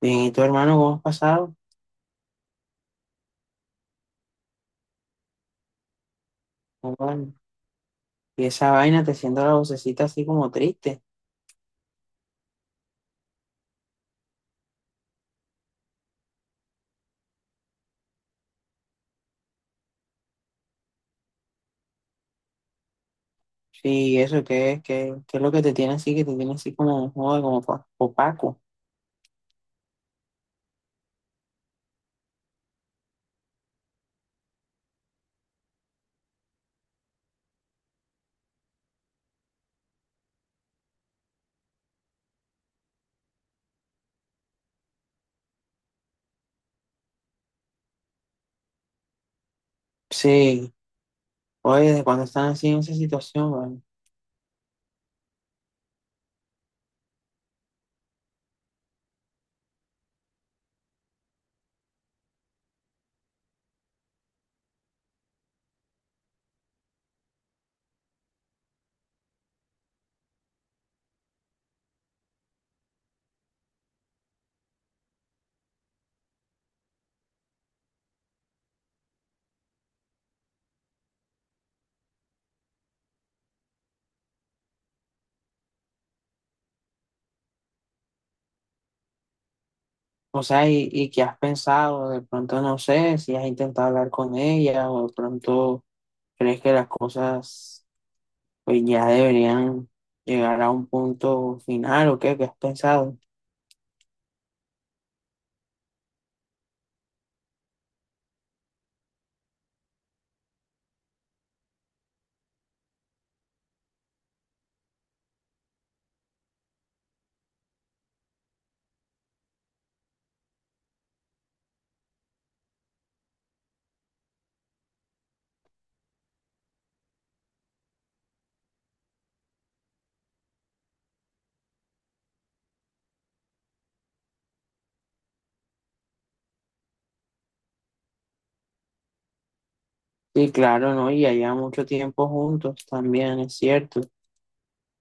Bien, ¿y tu hermano cómo has pasado? ¿Cómo van? Y esa vaina te siento la vocecita así como triste. Sí, eso, ¿qué es? ¿¿Qué es lo que te tiene así? Que te tiene así como, joder, como opaco. Sí, oye, ¿desde cuando están así en esa situación, weón? O sea, ¿y qué has pensado? De pronto no sé si has intentado hablar con ella o de pronto crees que las cosas pues ya deberían llegar a un punto final o qué, ¿qué has pensado? Sí, claro, ¿no? Y allá mucho tiempo juntos también, es cierto.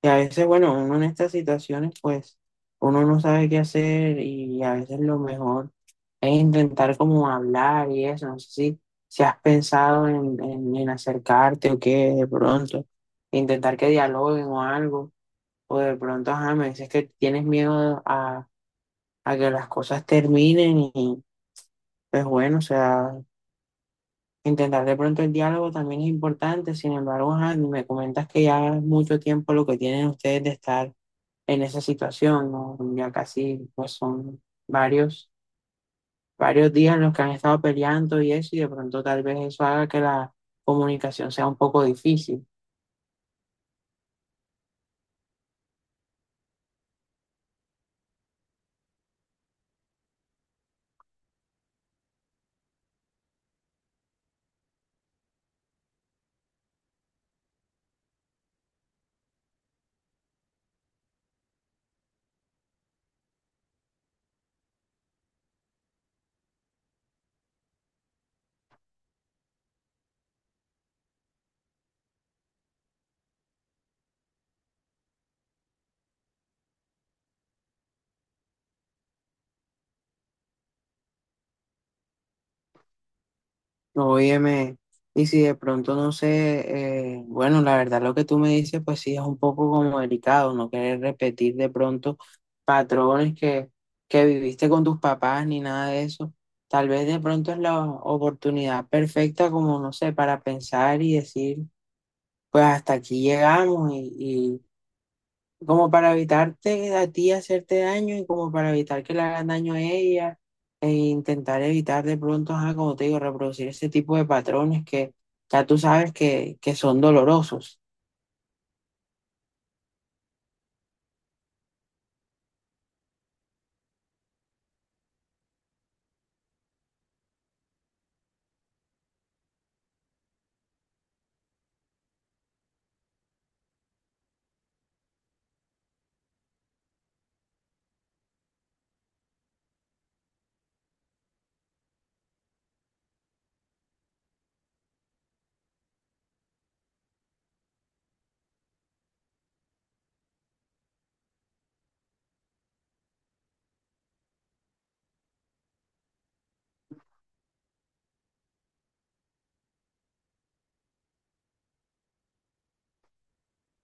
Y a veces, bueno, uno en estas situaciones, pues, uno no sabe qué hacer y a veces lo mejor es intentar como hablar y eso. No sé si has pensado en acercarte o qué, de pronto, intentar que dialoguen o algo, o de pronto, ajá, me dices que tienes miedo a que las cosas terminen y, pues, bueno, o sea, intentar de pronto el diálogo también es importante. Sin embargo, ajá, me comentas que ya es mucho tiempo lo que tienen ustedes de estar en esa situación, ¿no? Ya casi pues son varios, varios días en los que han estado peleando y eso, y de pronto tal vez eso haga que la comunicación sea un poco difícil. Óyeme, y si de pronto no sé, bueno, la verdad lo que tú me dices, pues sí es un poco como delicado, no querer repetir de pronto patrones que viviste con tus papás ni nada de eso. Tal vez de pronto es la oportunidad perfecta como, no sé, para pensar y decir: pues hasta aquí llegamos y como para evitarte a ti hacerte daño y como para evitar que le hagan daño a ella e intentar evitar de pronto, ajá, como te digo, reproducir ese tipo de patrones que ya tú sabes que son dolorosos.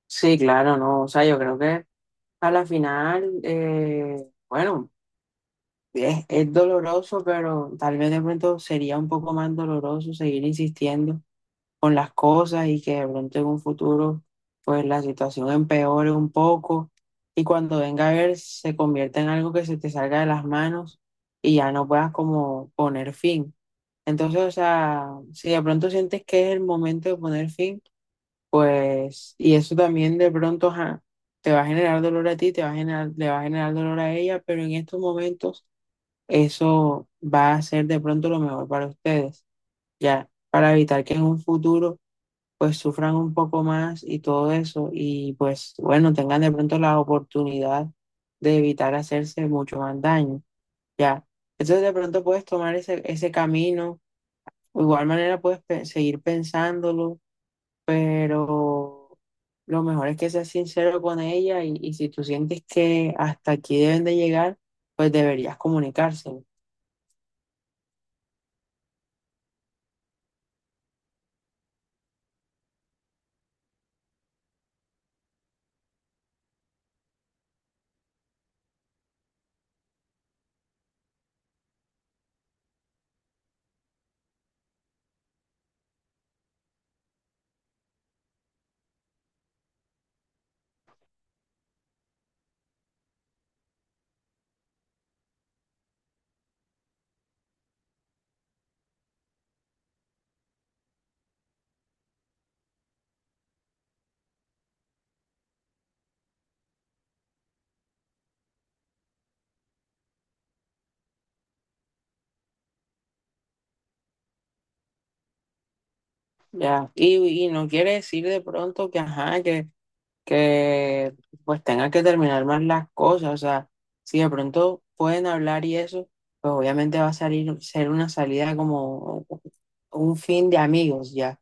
Sí, claro, no, o sea, yo creo que a la final, bueno, es doloroso, pero tal vez de pronto sería un poco más doloroso seguir insistiendo con las cosas y que de pronto en un futuro pues la situación empeore un poco y cuando venga a ver se convierta en algo que se te salga de las manos y ya no puedas como poner fin. Entonces, o sea, si de pronto sientes que es el momento de poner fin, pues, y eso también de pronto ajá, te va a generar dolor a ti, te va a generar, le va a generar dolor a ella, pero en estos momentos eso va a ser de pronto lo mejor para ustedes, ya, para evitar que en un futuro pues sufran un poco más y todo eso, y pues bueno, tengan de pronto la oportunidad de evitar hacerse mucho más daño, ¿ya? Entonces de pronto puedes tomar ese camino, o igual manera puedes seguir pensándolo, pero lo mejor es que seas sincero con ella y si tú sientes que hasta aquí deben de llegar, pues deberías comunicárselo, ¿ya? Y no quiere decir de pronto que, ajá, que pues tenga que terminar más las cosas, o sea, si de pronto pueden hablar y eso, pues obviamente va a salir, ser una salida como un fin de amigos ya.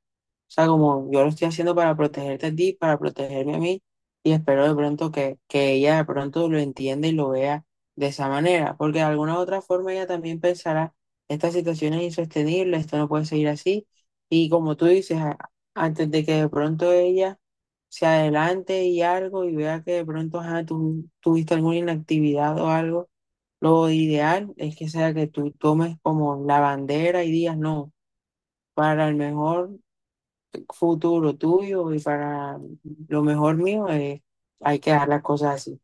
O sea, como yo lo estoy haciendo para protegerte a ti, para protegerme a mí, y espero de pronto que ella de pronto lo entienda y lo vea de esa manera, porque de alguna u otra forma ella también pensará, esta situación es insostenible, esto no puede seguir así, y como tú dices, antes de que de pronto ella se adelante y algo y vea que de pronto ajá, tú tuviste alguna inactividad o algo, lo ideal es que sea que tú tomes como la bandera y digas no, para el mejor futuro tuyo y para lo mejor mío, hay que dar las cosas así.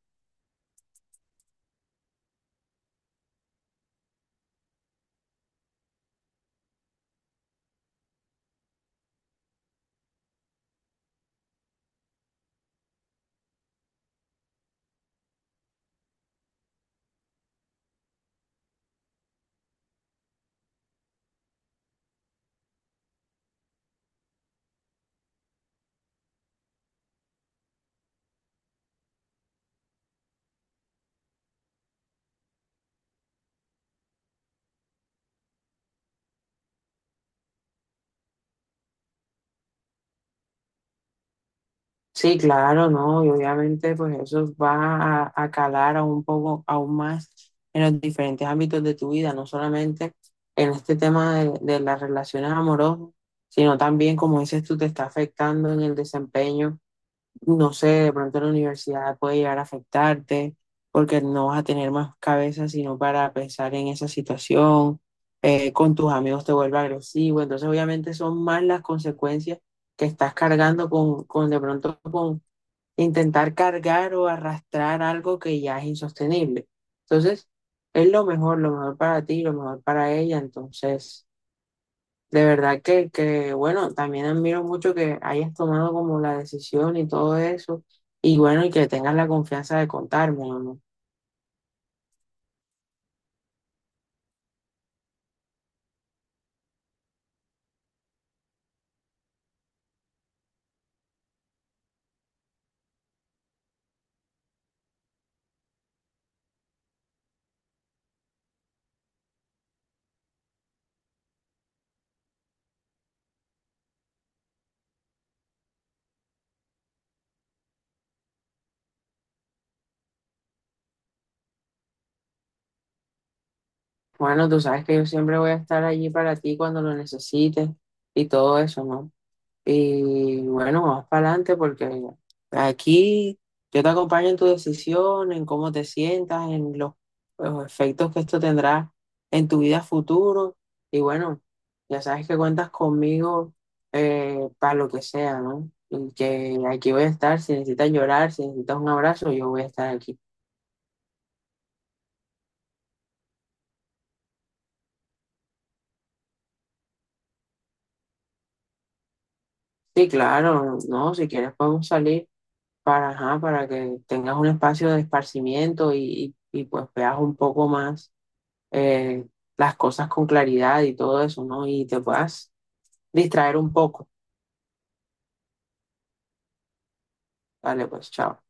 Sí, claro, ¿no? Y obviamente pues eso va a calar aún un poco, aún más en los diferentes ámbitos de tu vida, no solamente en este tema de las relaciones amorosas, sino también, como dices tú, te está afectando en el desempeño, no sé, de pronto la universidad puede llegar a afectarte porque no vas a tener más cabeza sino para pensar en esa situación, con tus amigos te vuelve agresivo, entonces obviamente son más las consecuencias que estás cargando con de pronto con intentar cargar o arrastrar algo que ya es insostenible. Entonces, es lo mejor para ti, lo mejor para ella. Entonces, de verdad que bueno, también admiro mucho que hayas tomado como la decisión y todo eso. Y bueno, y que tengas la confianza de contarme, ¿no? Bueno, tú sabes que yo siempre voy a estar allí para ti cuando lo necesites y todo eso, ¿no? Y bueno, vas para adelante porque aquí yo te acompaño en tu decisión, en cómo te sientas, en los efectos que esto tendrá en tu vida futuro. Y bueno, ya sabes que cuentas conmigo, para lo que sea, ¿no? Y que aquí voy a estar, si necesitas llorar, si necesitas un abrazo, yo voy a estar aquí. Sí, claro, no, si quieres podemos salir para, ajá, para que tengas un espacio de esparcimiento pues veas un poco más, eh, las cosas con claridad y todo eso, ¿no? Y te puedas distraer un poco. Vale, pues, chao.